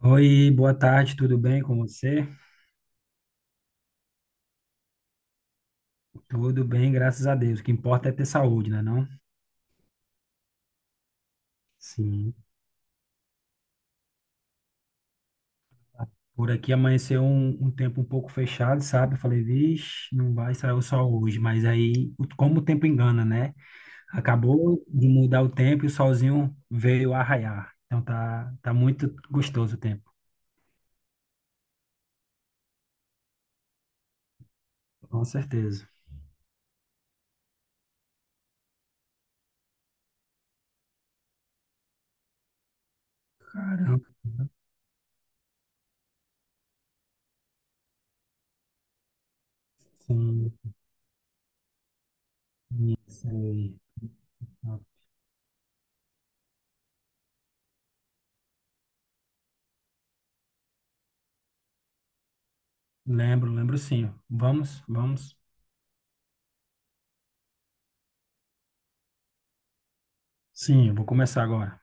Oi, boa tarde, tudo bem com você? Tudo bem, graças a Deus. O que importa é ter saúde, né, não? Sim. Por aqui amanheceu um tempo um pouco fechado, sabe? Eu falei, vixe, não vai sair o sol hoje. Mas aí, como o tempo engana, né? Acabou de mudar o tempo e o solzinho veio arraiar. Então tá, tá muito gostoso o tempo, com certeza. Caramba, sim, sei. Lembro, lembro sim. Vamos, vamos. Sim, eu vou começar agora.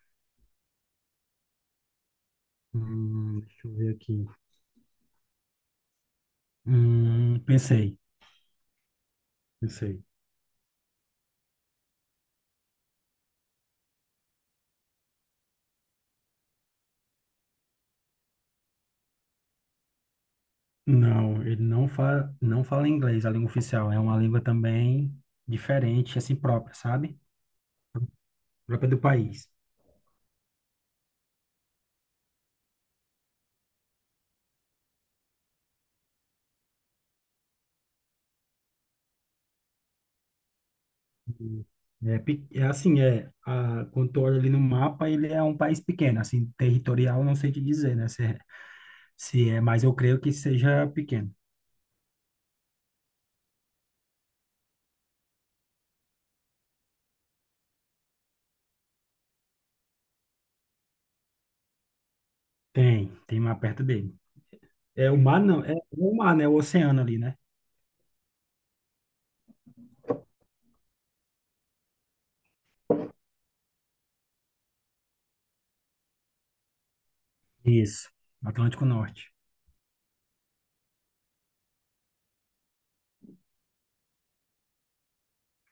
Deixa eu ver aqui. Pensei, pensei. Não, ele não fala inglês, a língua oficial. É uma língua também diferente, assim, própria, sabe? Própria do país. E é assim, quando tu olha ali no mapa, ele é um país pequeno, assim, territorial, não sei te dizer, né? Se é, mas eu creio que seja pequeno. Tem mar perto dele. É o mar, não, é o mar, né? O oceano ali, né? Isso, Atlântico Norte.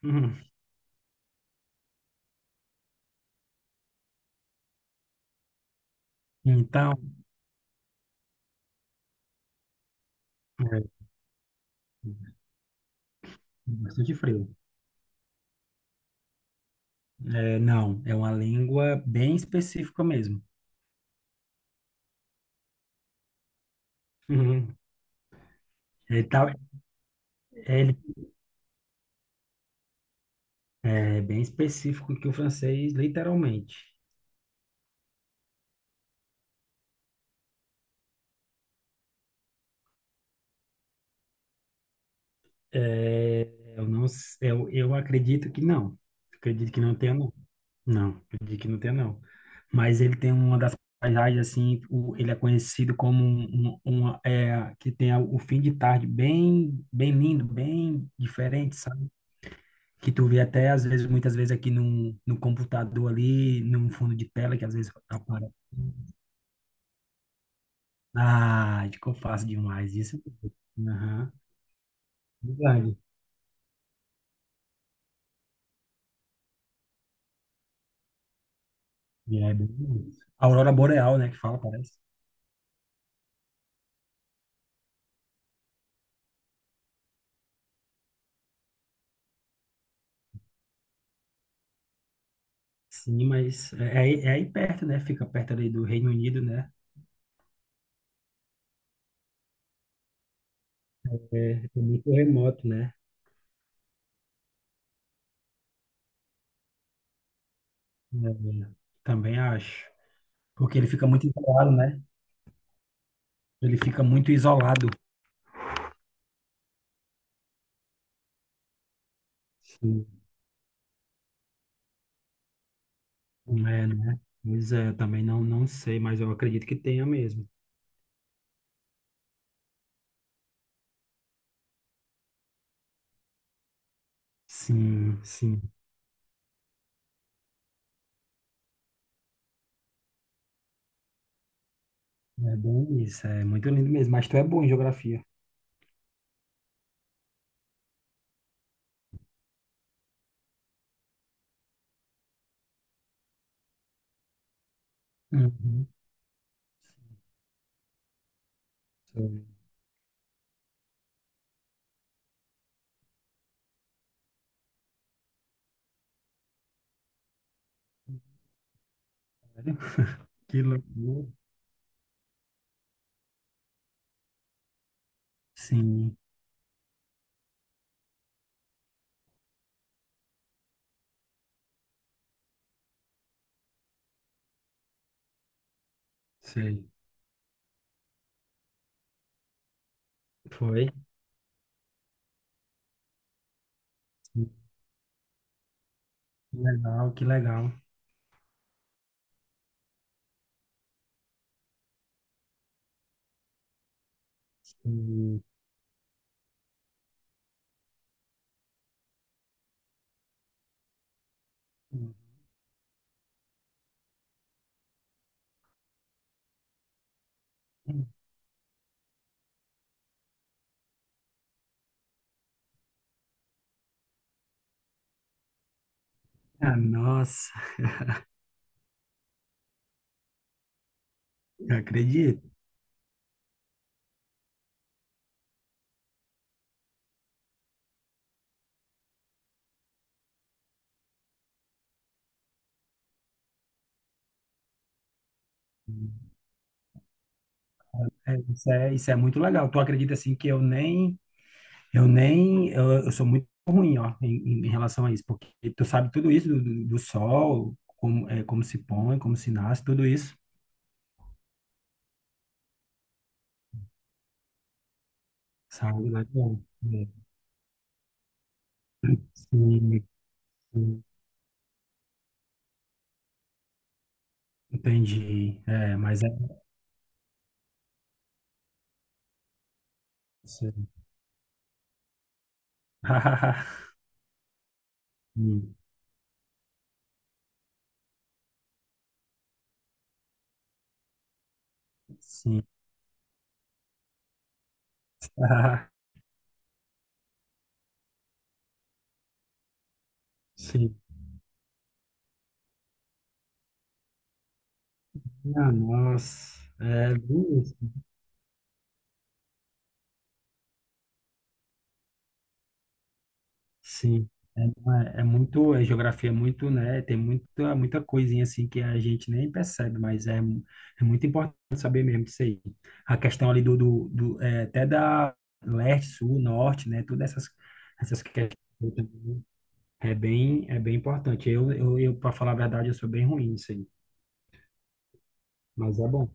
Uhum. Então, é bastante frio. É, não, é uma língua bem específica mesmo. Uhum. Ele tá, ele é bem específico que o francês, literalmente. É, eu acredito que não. Acredito que não tenha, não. Não, acredito que não tenha, não. Mas ele tem uma das paisagens, assim, o, ele é conhecido como uma que tem o fim de tarde bem, bem lindo, bem diferente, sabe? Que tu vê até às vezes, muitas vezes aqui no computador ali, num fundo de tela, que às vezes aparece. Ah, acho que eu faço demais isso. Aham, verdade. E é bem isso. Aurora Boreal, né, que fala, parece. Sim, mas aí é aí perto, né? Fica perto ali do Reino Unido, né? É, é muito remoto, né? É, também acho. Porque ele fica muito isolado, né? Ele fica muito isolado. Sim. É, né? Pois é, eu também não sei, mas eu acredito que tenha mesmo. Sim, sim. É bem isso. É muito lindo mesmo. Mas tu é bom em geografia. Uhum. Sei. Sério? Que loucura. Sim, sei. Foi. Sim. Que legal, que legal. Hum. Ah, nossa, eu acredito. É, isso é muito legal. Tu acredita assim que eu nem, eu nem, eu sou muito ruim, ó, em, em relação a isso, porque tu sabe tudo isso do, do sol, como, é, como se põe, como se nasce, tudo isso, sabe? Legal. Sim, sim, entendi. É, mas é isso. Sim, sim. Sim. Ah, nossa, é bem isso. Sim. É, não é muito, a geografia é muito, né? Tem muita, muita coisinha assim que a gente nem percebe, mas é muito importante saber mesmo disso aí. A questão ali até da leste, sul, norte, né? Todas essas questões também é bem importante. Eu Para falar a verdade, eu sou bem ruim nisso aí. Mas é bom.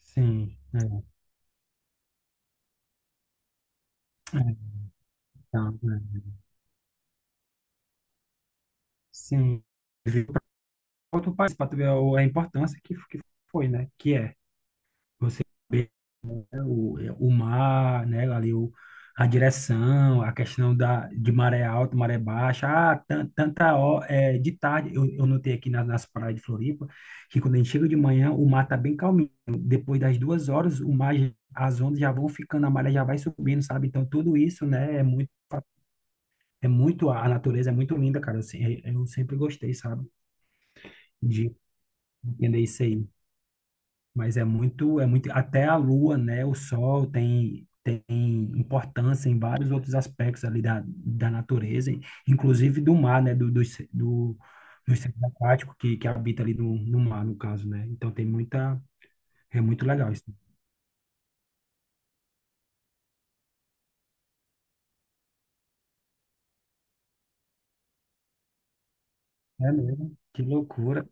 Sim, é, então, sim. Para outro país, para tu ver a importância que foi, né? Que é você ver o, o mar, né? Ali a direção, a questão da, de maré alta, maré baixa. Ah, tanta hora, de tarde, eu notei aqui nas praias de Floripa, que quando a gente chega de manhã, o mar tá bem calminho. Depois das 2 horas, as ondas já vão ficando, a maré já vai subindo, sabe? Então, tudo isso, né? A natureza é muito linda, cara. Assim, eu se- eu sempre gostei, sabe, de entender isso aí. Mas até a lua, né, o sol tem importância em vários outros aspectos ali da natureza, inclusive do mar, né, do, do ser aquático que habita ali no mar, no caso, né. Então, é muito legal isso. É mesmo, que loucura.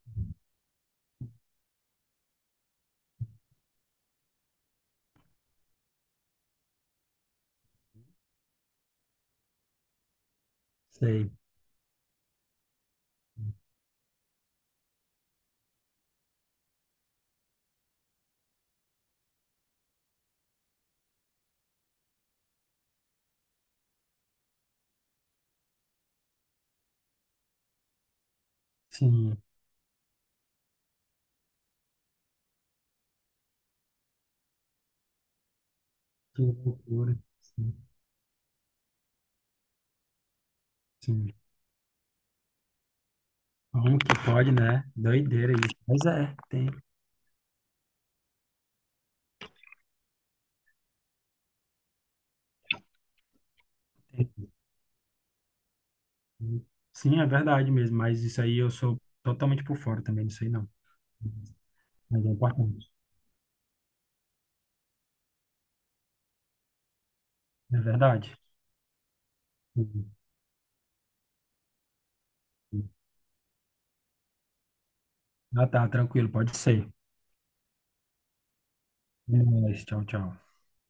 Sei, sim, que loucura. Sim, sim. Como que pode, né? Doideira isso. Pois é, tem. Sim, é verdade mesmo, mas isso aí eu sou totalmente por fora também, não sei não. Mas é importante. É verdade. Uhum. Ah, tá, tranquilo, pode ser. É nóis, tchau, tchau.